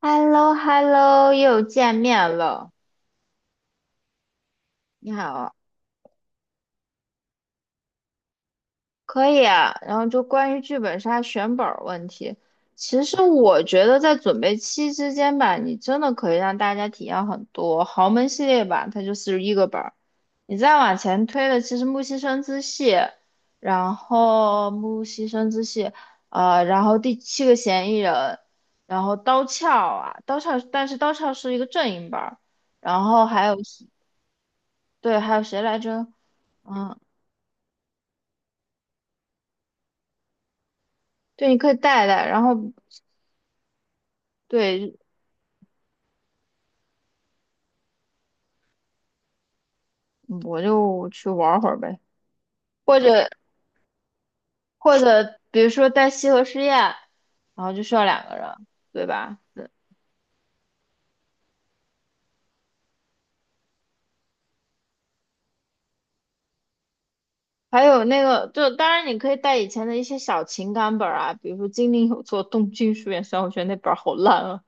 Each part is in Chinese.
h e l l o h e l l o 又见面了。你好，可以啊。然后就关于剧本杀选本儿问题，其实我觉得在准备期之间吧，你真的可以让大家体验很多。豪门系列吧，它就四十一个本儿。你再往前推的，其实木西生之系，然后第七个嫌疑人，然后刀鞘啊，刀鞘，但是刀鞘是一个阵营本儿，然后还有。对，还有谁来着？嗯，对，你可以带带，然后对，嗯我就去玩会儿呗，或者或者比如说带西河实验，然后就需要2个人，对吧？对，还有那个，就当然你可以带以前的一些小情感本儿啊，比如说《金陵有座东京书院》，虽然我觉得那本儿好烂啊。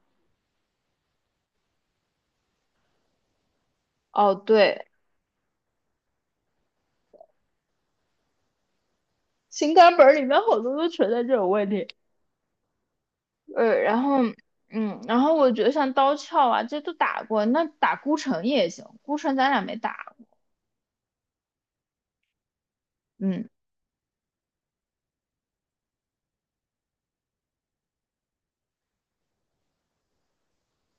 哦，对，情感本儿里面好多都存在这种问题。呃，然后然后我觉得像刀鞘啊，这都打过，那打孤城也行，孤城咱俩没打，嗯。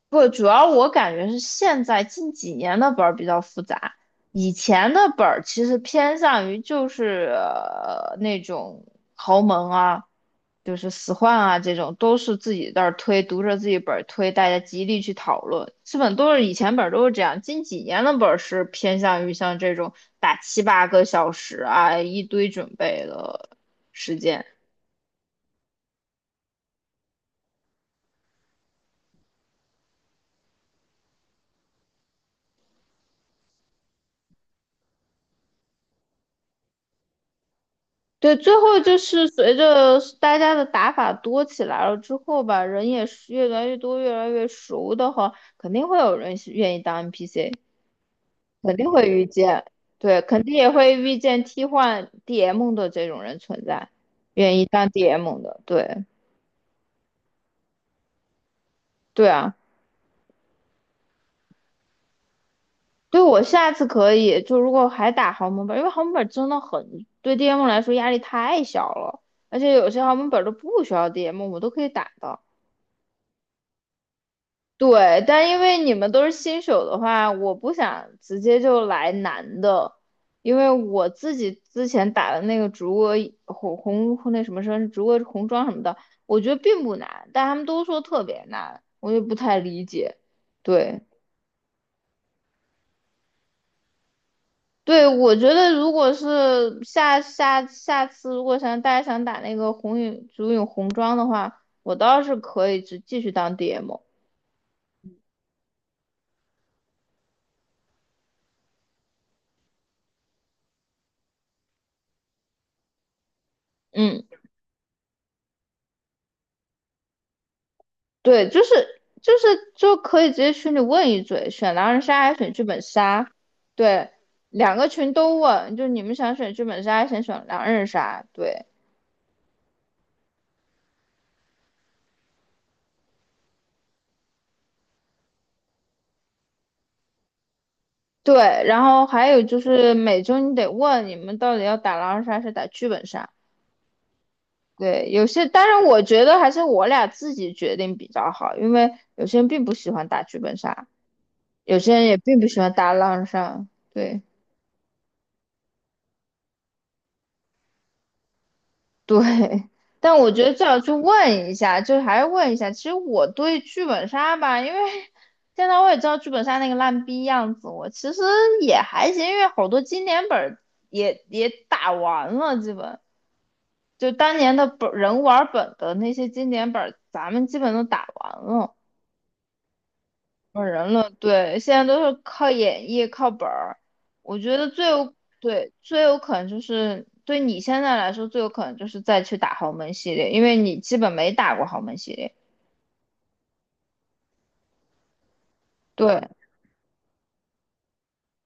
不，主要我感觉是现在近几年的本儿比较复杂，以前的本儿其实偏向于就是、那种豪门啊，就是死换啊这种，都是自己在那儿推，读着自己本儿推，大家极力去讨论。基本都是以前本儿都是这样，近几年的本儿是偏向于像这种打7、8个小时啊，一堆准备的时间。对，最后就是随着大家的打法多起来了之后吧，人也是越来越多、越来越熟的话，肯定会有人是愿意当 NPC，肯定会遇见，对，肯定也会遇见替换 DM 的这种人存在，愿意当 DM 的，对，对啊，对我下次可以，就如果还打豪门本，因为豪门本真的很，对 DM 来说压力太小了，而且有些豪门本都不需要 DM，我都可以打的。对，但因为你们都是新手的话，我不想直接就来难的，因为我自己之前打的那个竹鹅红那什么什么竹鹅红装什么的，我觉得并不难，但他们都说特别难，我也不太理解。对，对，我觉得如果是下下下次如果想大家想打那个红影竹影红装的话，我倒是可以只继续当 DM。嗯。对，就可以直接群里问一嘴，选狼人杀还是选剧本杀？对，两个群都问，就你们想选剧本杀还是想选狼人杀？对对，然后还有就是每周你得问你们到底要打狼人杀还是打剧本杀？对，有些当然我觉得还是我俩自己决定比较好，因为有些人并不喜欢打剧本杀，有些人也并不喜欢打狼人杀。对。对，但我觉得最好去问一下，就是还是问一下。其实我对剧本杀吧，因为 现在我也知道剧本杀那个烂逼样子，我其实也还行，因为好多经典本儿也打完了，基本就当年的本人物玩本的那些经典本儿咱们基本都打完了。本人了，对，现在都是靠演绎、靠本儿。我觉得最有，对，最有可能就是对你现在来说，最有可能就是再去打豪门系列，因为你基本没打过豪门系列。对，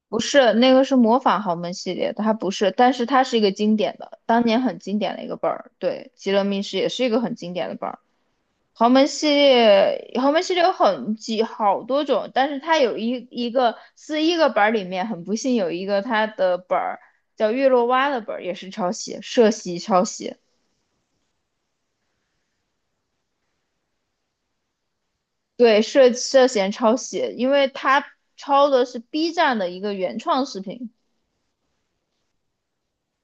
不是，那个是模仿豪门系列的它不是，但是它是一个经典的，当年很经典的一个本儿。对，《极乐密室》也是一个很经典的本儿。豪门系列，豪门系列有很几好多种，但是它有一个四十一个本儿里面，很不幸有一个它的本儿叫月落蛙的本儿也是抄袭，涉袭抄袭，对，涉嫌抄袭，因为它抄的是 B 站的一个原创视频，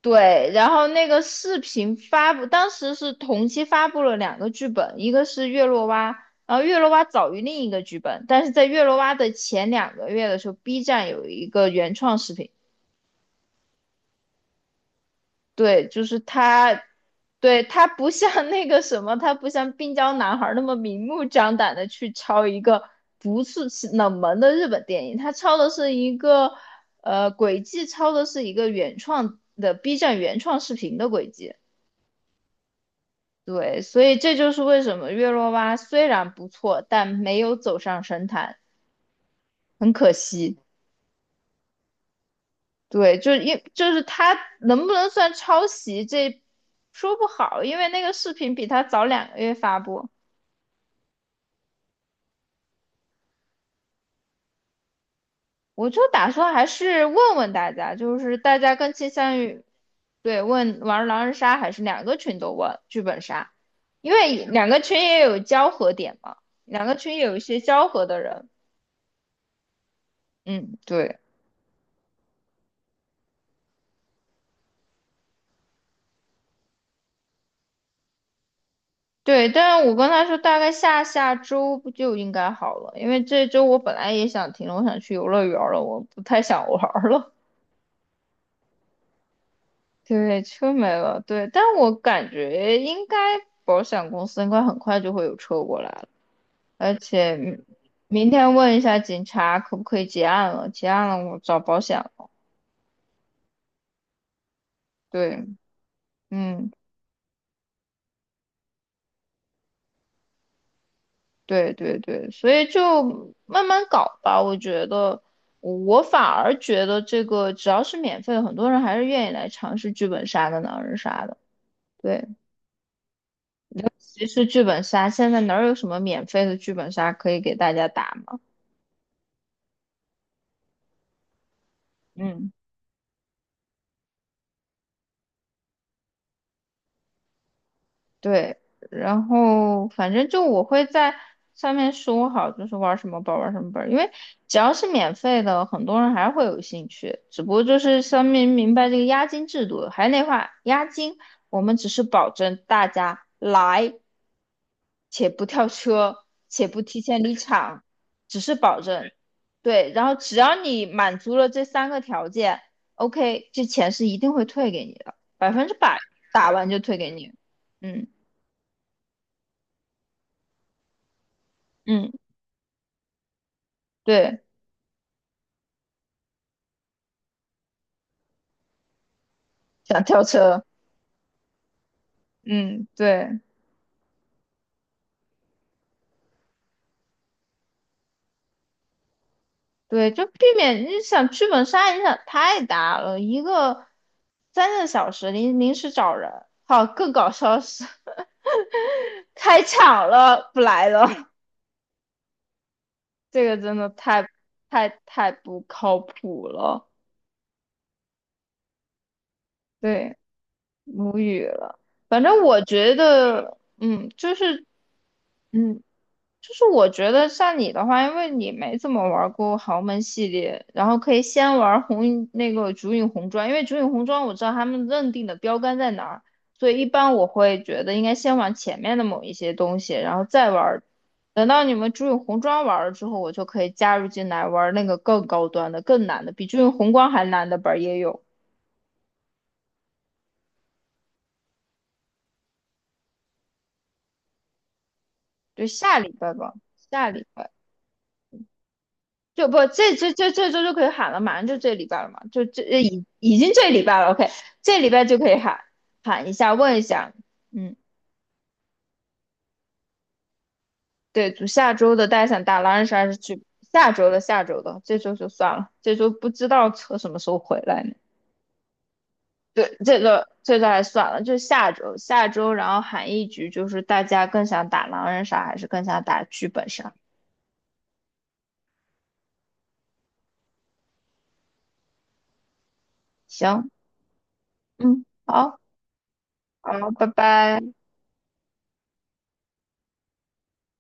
对，然后那个视频发布，当时是同期发布了2个剧本，一个是月落蛙，然后月落蛙早于另一个剧本，但是在月落蛙的前两个月的时候，B 站有一个原创视频，对，就是他，对，他不像那个什么，他不像病娇男孩那么明目张胆的去抄一个不是冷门的日本电影，他抄的是一个，轨迹抄的是一个原创的 B 站原创视频的轨迹。对，所以这就是为什么月落蛙虽然不错，但没有走上神坛，很可惜。对，就是因就是他能不能算抄袭，这说不好，因为那个视频比他早两个月发布。我就打算还是问问大家，就是大家更倾向于对问玩狼人杀还是两个群都问剧本杀，因为两个群也有交合点嘛，两个群也有一些交合的人。嗯，对。对，但是我跟他说大概下下周不就应该好了，因为这周我本来也想停了，我想去游乐园了，我不太想玩儿了。对，车没了，对，但我感觉应该保险公司应该很快就会有车过来了，而且明明天问一下警察可不可以结案了，结案了我找保险了。对，嗯。对对对，所以就慢慢搞吧。我觉得，我反而觉得这个只要是免费的，很多人还是愿意来尝试剧本杀的、狼人杀的。对，其实剧本杀现在哪儿有什么免费的剧本杀可以给大家打嘛？嗯。对，然后反正就我会在上面说好，就是玩什么本儿玩什么本儿，因为只要是免费的，很多人还是会有兴趣。只不过就是上面明白这个押金制度，还是那话，押金我们只是保证大家来，且不跳车，且不提前离场，只是保证。对，然后只要你满足了这3个条件，OK，这钱是一定会退给你的，100%打完就退给你。嗯。嗯，对，想跳车，嗯，对对，就避免你想剧本杀影响太大了，一个3个小时临时找人，好，更搞笑的是 开抢了不来了，这个真的太不靠谱了，对，无语了。反正我觉得，嗯，嗯，就是我觉得像你的话，因为你没怎么玩过豪门系列，然后可以先玩红那个竹影红妆，因为竹影红妆我知道他们认定的标杆在哪儿，所以一般我会觉得应该先玩前面的某一些东西，然后再玩。等到你们竹影红妆玩了之后，我就可以加入进来玩那个更高端的、更难的，比竹影红光还难的本儿也有。对，下礼拜吧，下礼拜。就不，这周就可以喊了，马上就这礼拜了嘛，就这已经这礼拜了，OK，这礼拜就可以喊一下，问一下，嗯，对，就下周的大家想打狼人杀还是去下周的下周的，这周就算了，这周不知道车什么时候回来呢。对，这个这个还算了，就下周下周，然后喊一局，就是大家更想打狼人杀还是更想打剧本杀？行，嗯，好，好，拜拜。